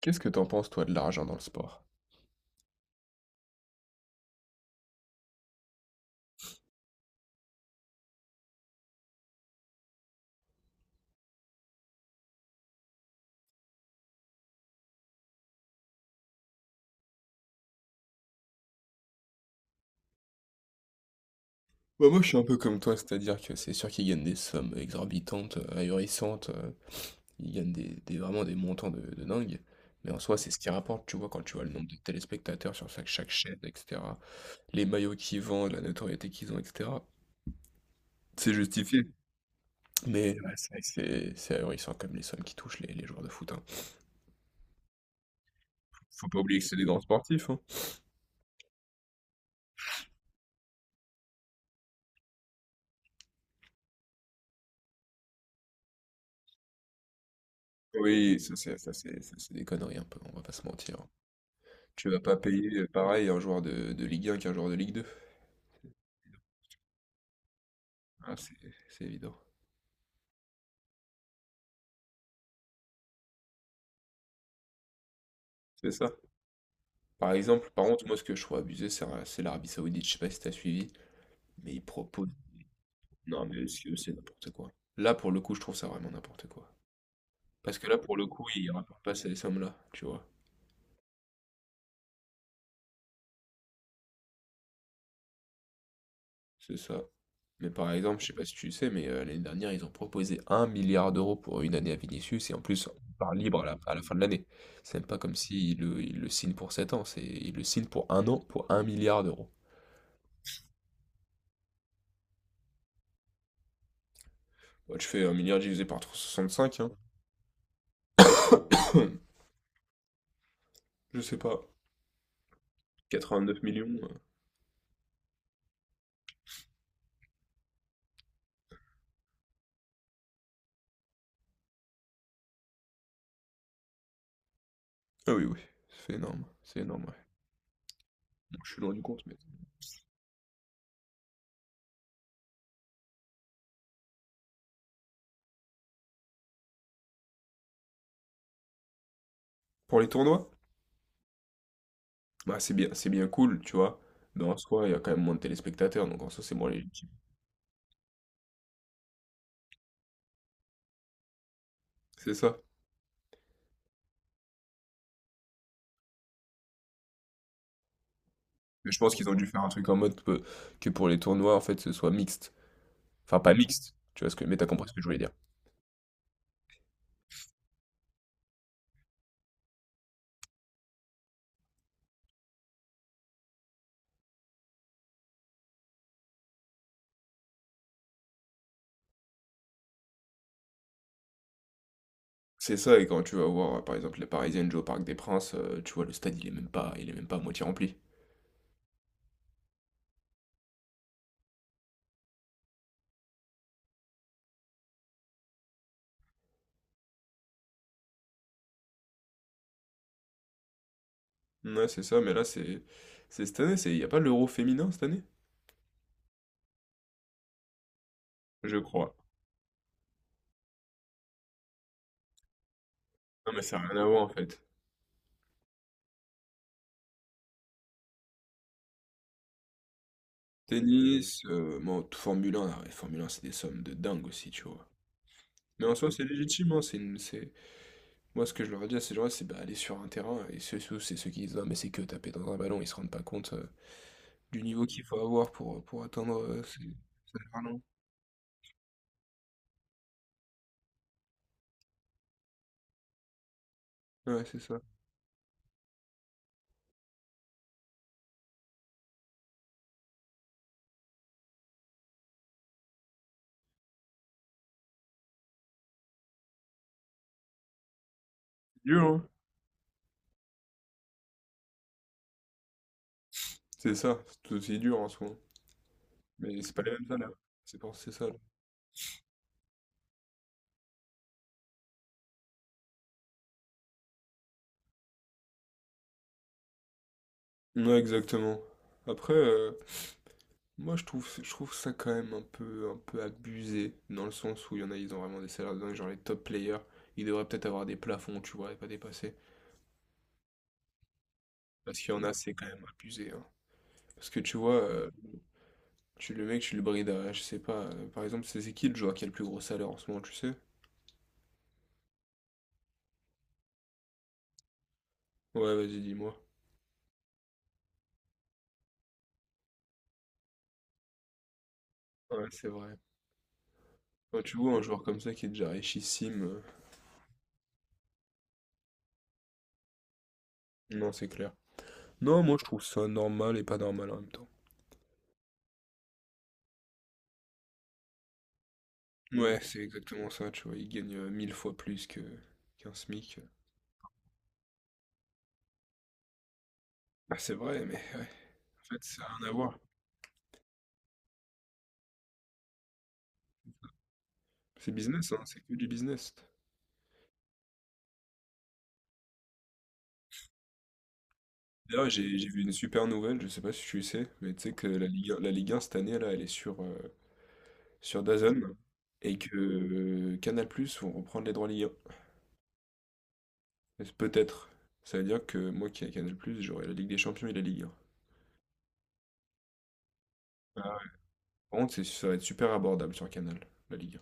Qu'est-ce que t'en penses, toi, de l'argent dans le sport? Bah, moi, je suis un peu comme toi, c'est-à-dire que c'est sûr qu'ils gagnent des sommes exorbitantes, ahurissantes, ils gagnent vraiment des montants de dingue, mais en soi, c'est ce qui rapporte, tu vois, quand tu vois le nombre de téléspectateurs sur chaque chaîne, etc., les maillots qu'ils vendent, la notoriété qu'ils ont, etc., c'est justifié. Mais ouais, c'est vrai que c'est ahurissant comme les sommes qui touchent les joueurs de foot, hein. Faut pas oublier que c'est des grands sportifs, hein. Oui, ça c'est ça, c'est des conneries un peu, on va pas se mentir. Tu vas pas payer pareil un joueur de Ligue 1 qu'un joueur de Ligue 2. Ah, c'est évident. C'est ça. Par exemple, par contre, moi, ce que je trouve abusé, c'est l'Arabie Saoudite. Je sais pas si t'as suivi, mais ils proposent. Non, mais c'est n'importe quoi. Là, pour le coup, je trouve ça vraiment n'importe quoi. Parce que là, pour le coup, ils rapportent pas ces sommes-là, tu vois. C'est ça. Mais par exemple, je sais pas si tu sais, mais l'année dernière, ils ont proposé un milliard d'euros pour une année à Vinicius, et en plus, par libre à la fin de l'année. C'est même pas comme s'ils le signent pour 7 ans, c'est ils le signent pour un an, pour un milliard d'euros. Bah, tu fais un milliard divisé par 65, hein. Je sais pas. 89 millions. Ah oui, oui, c'est énorme, ouais. Bon, je suis loin du compte, mais... Pour les tournois, bah, c'est bien cool, tu vois. Mais en soi, il y a quand même moins de téléspectateurs, donc en soi, c'est moins légitime. C'est ça. Mais je pense qu'ils ont dû faire un truc en mode que pour les tournois, en fait, ce soit mixte. Enfin, pas mixte, tu vois, ce que... mais t'as compris ce que je voulais dire. C'est ça, et quand tu vas voir, par exemple, les Parisiennes jouer au Parc des Princes, tu vois, le stade, il est même pas à moitié rempli. Ouais, c'est ça, mais là, c'est... C'est cette année, c'est... Il n'y a pas l'Euro féminin cette année? Je crois. Non, mais ça n'a rien à voir, en fait. Tennis, Formule 1, ah ouais, Formule 1, c'est des sommes de dingue aussi, tu vois. Mais en soi, c'est légitime, hein, moi, ce que je leur dis à ces gens-là, c'est bah, aller sur un terrain, et c'est ceux qui disent, non, mais c'est que taper dans un ballon, ils se rendent pas compte du niveau qu'il faut avoir pour atteindre ces talents. Ouais, c'est ça. C'est dur, hein? C'est ça, c'est tout aussi dur en soi. Mais c'est pas les mêmes salaires. C'est ça. Là. Ouais, exactement. Après, moi, je trouve ça quand même un peu abusé, dans le sens où il y en a, ils ont vraiment des salaires de dingue, genre les top players, ils devraient peut-être avoir des plafonds, tu vois, et pas dépasser. Parce qu'il y en a, c'est quand même abusé, hein. Parce que tu vois, tu le brides à, je sais pas, par exemple, c'est qui le joueur qui a le plus gros salaire en ce moment, tu sais? Ouais, vas-y, dis-moi. Ouais, c'est vrai. Quand tu vois un joueur comme ça qui est déjà richissime, non, c'est clair. Non, moi, je trouve ça normal et pas normal en même temps. Ouais, c'est exactement ça, tu vois, il gagne mille fois plus que qu'un SMIC. Bah, c'est vrai, mais en fait, ça n'a rien à voir. C'est business, hein, c'est que du business. D'ailleurs, j'ai vu une super nouvelle, je sais pas si tu sais, mais tu sais que la Ligue 1 cette année, là, elle est sur DAZN et que Canal+ vont reprendre les droits Ligue 1. Et peut-être. Ça veut dire que moi qui ai Canal+, j'aurai la Ligue des Champions et la Ligue 1. Ah ouais. Par contre, ça va être super abordable sur Canal, la Ligue 1.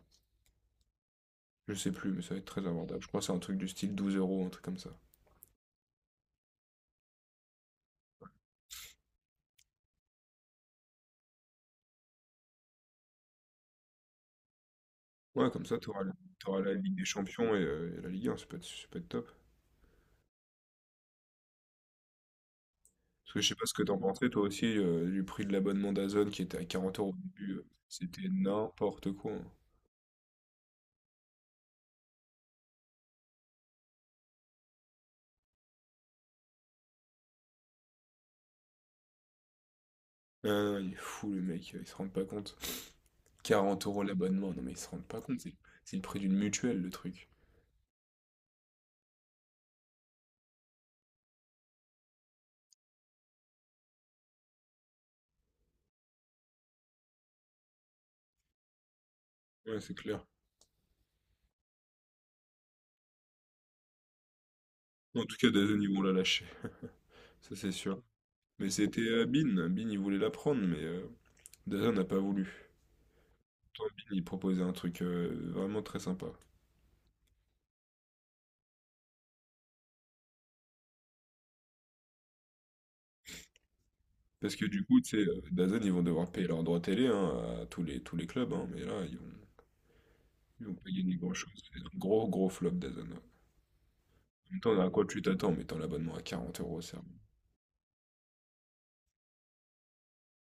Je sais plus, mais ça va être très abordable. Je crois que c'est un truc du style 12 euros, un truc comme ça. Ouais, comme ça, t'auras la Ligue des Champions et la Ligue 1, ça peut être top. Parce que je sais pas ce que t'en pensais, toi aussi, du prix de l'abonnement d'Azone qui était à 40 euros au début, c'était n'importe quoi, hein. Ah non, il est fou le mec, il se rend pas compte. 40 euros l'abonnement, non mais ils se rendent pas compte, c'est le prix d'une mutuelle le truc. Ouais, c'est clair. En tout cas, DAZN ils vont la lâcher, ça c'est sûr. Mais c'était Bin il voulait la prendre, mais DAZN n'a pas voulu. Tant Bin il proposait un truc vraiment très sympa. Parce que du coup, tu sais, DAZN ils vont devoir payer leurs droits télé, hein, à tous les clubs, hein, mais là ils vont. Ils ont pas gagné grand-chose. C'est un gros, gros flop d'Azona. En même temps, à quoi tu t'attends en mettant l'abonnement à 40 euros, c'est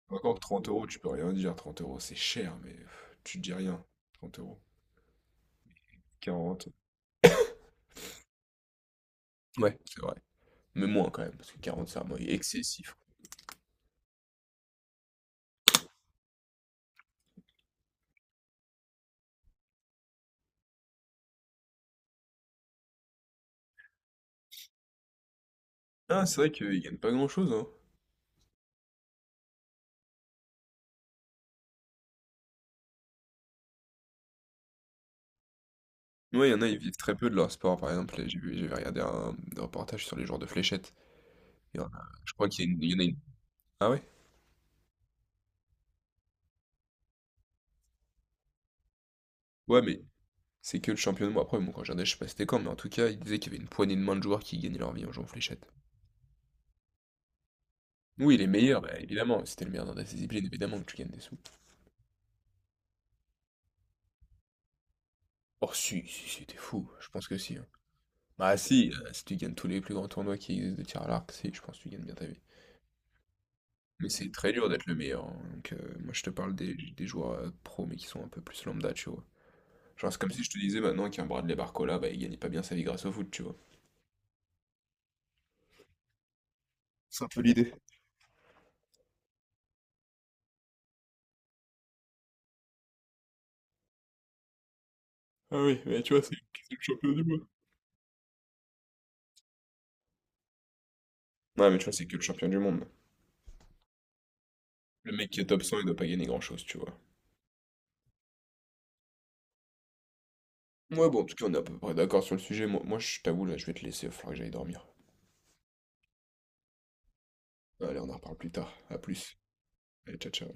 encore que 30 euros, tu peux rien dire. 30 euros, c'est cher, mais pff, tu dis rien. 30 euros. 40. Ouais, c'est vrai. Mais moins quand même, parce que 40, c'est vraiment excessif. Ah, c'est vrai qu'ils gagnent pas grand-chose, hein. Ouais, il y en a, ils vivent très peu de leur sport. Par exemple, j'avais regardé un reportage sur les joueurs de fléchettes. Il y en a- Je crois qu'il y, a une- il y en a une. Ah ouais? Ouais, mais c'est que le championnat. Bon, après, bon, quand je regardais, je sais pas si c'était quand, mais en tout cas, ils disaient qu'il y avait une poignée de main de joueurs qui gagnaient leur vie en jouant aux fléchettes. Oui, il est meilleur, bah, évidemment. C'était le meilleur dans ta discipline, évidemment que tu gagnes des sous. Oh, si, si, si, t'es fou. Je pense que si, hein. Bah, si, si tu gagnes tous les plus grands tournois qui existent de tir à l'arc, si, je pense que tu gagnes bien ta vie. Mais c'est très dur d'être le meilleur, hein. Donc, moi, je te parle des joueurs pro, mais qui sont un peu plus lambda, tu vois. Genre, c'est comme si je te disais maintenant qu'un Bradley Barcola, bah, il gagnait pas bien sa vie grâce au foot, tu vois. C'est un peu l'idée. Ah oui, mais tu vois, c'est le champion du monde. Ouais, mais tu vois, c'est que le champion du monde. Le mec qui est top 100, il doit pas gagner grand-chose, tu vois. Ouais, bon, en tout cas, on est à peu près d'accord sur le sujet. Moi, je t'avoue, là, je vais te laisser, il va falloir que j'aille dormir. Allez, on en reparle plus tard. À plus. Allez, ciao, ciao.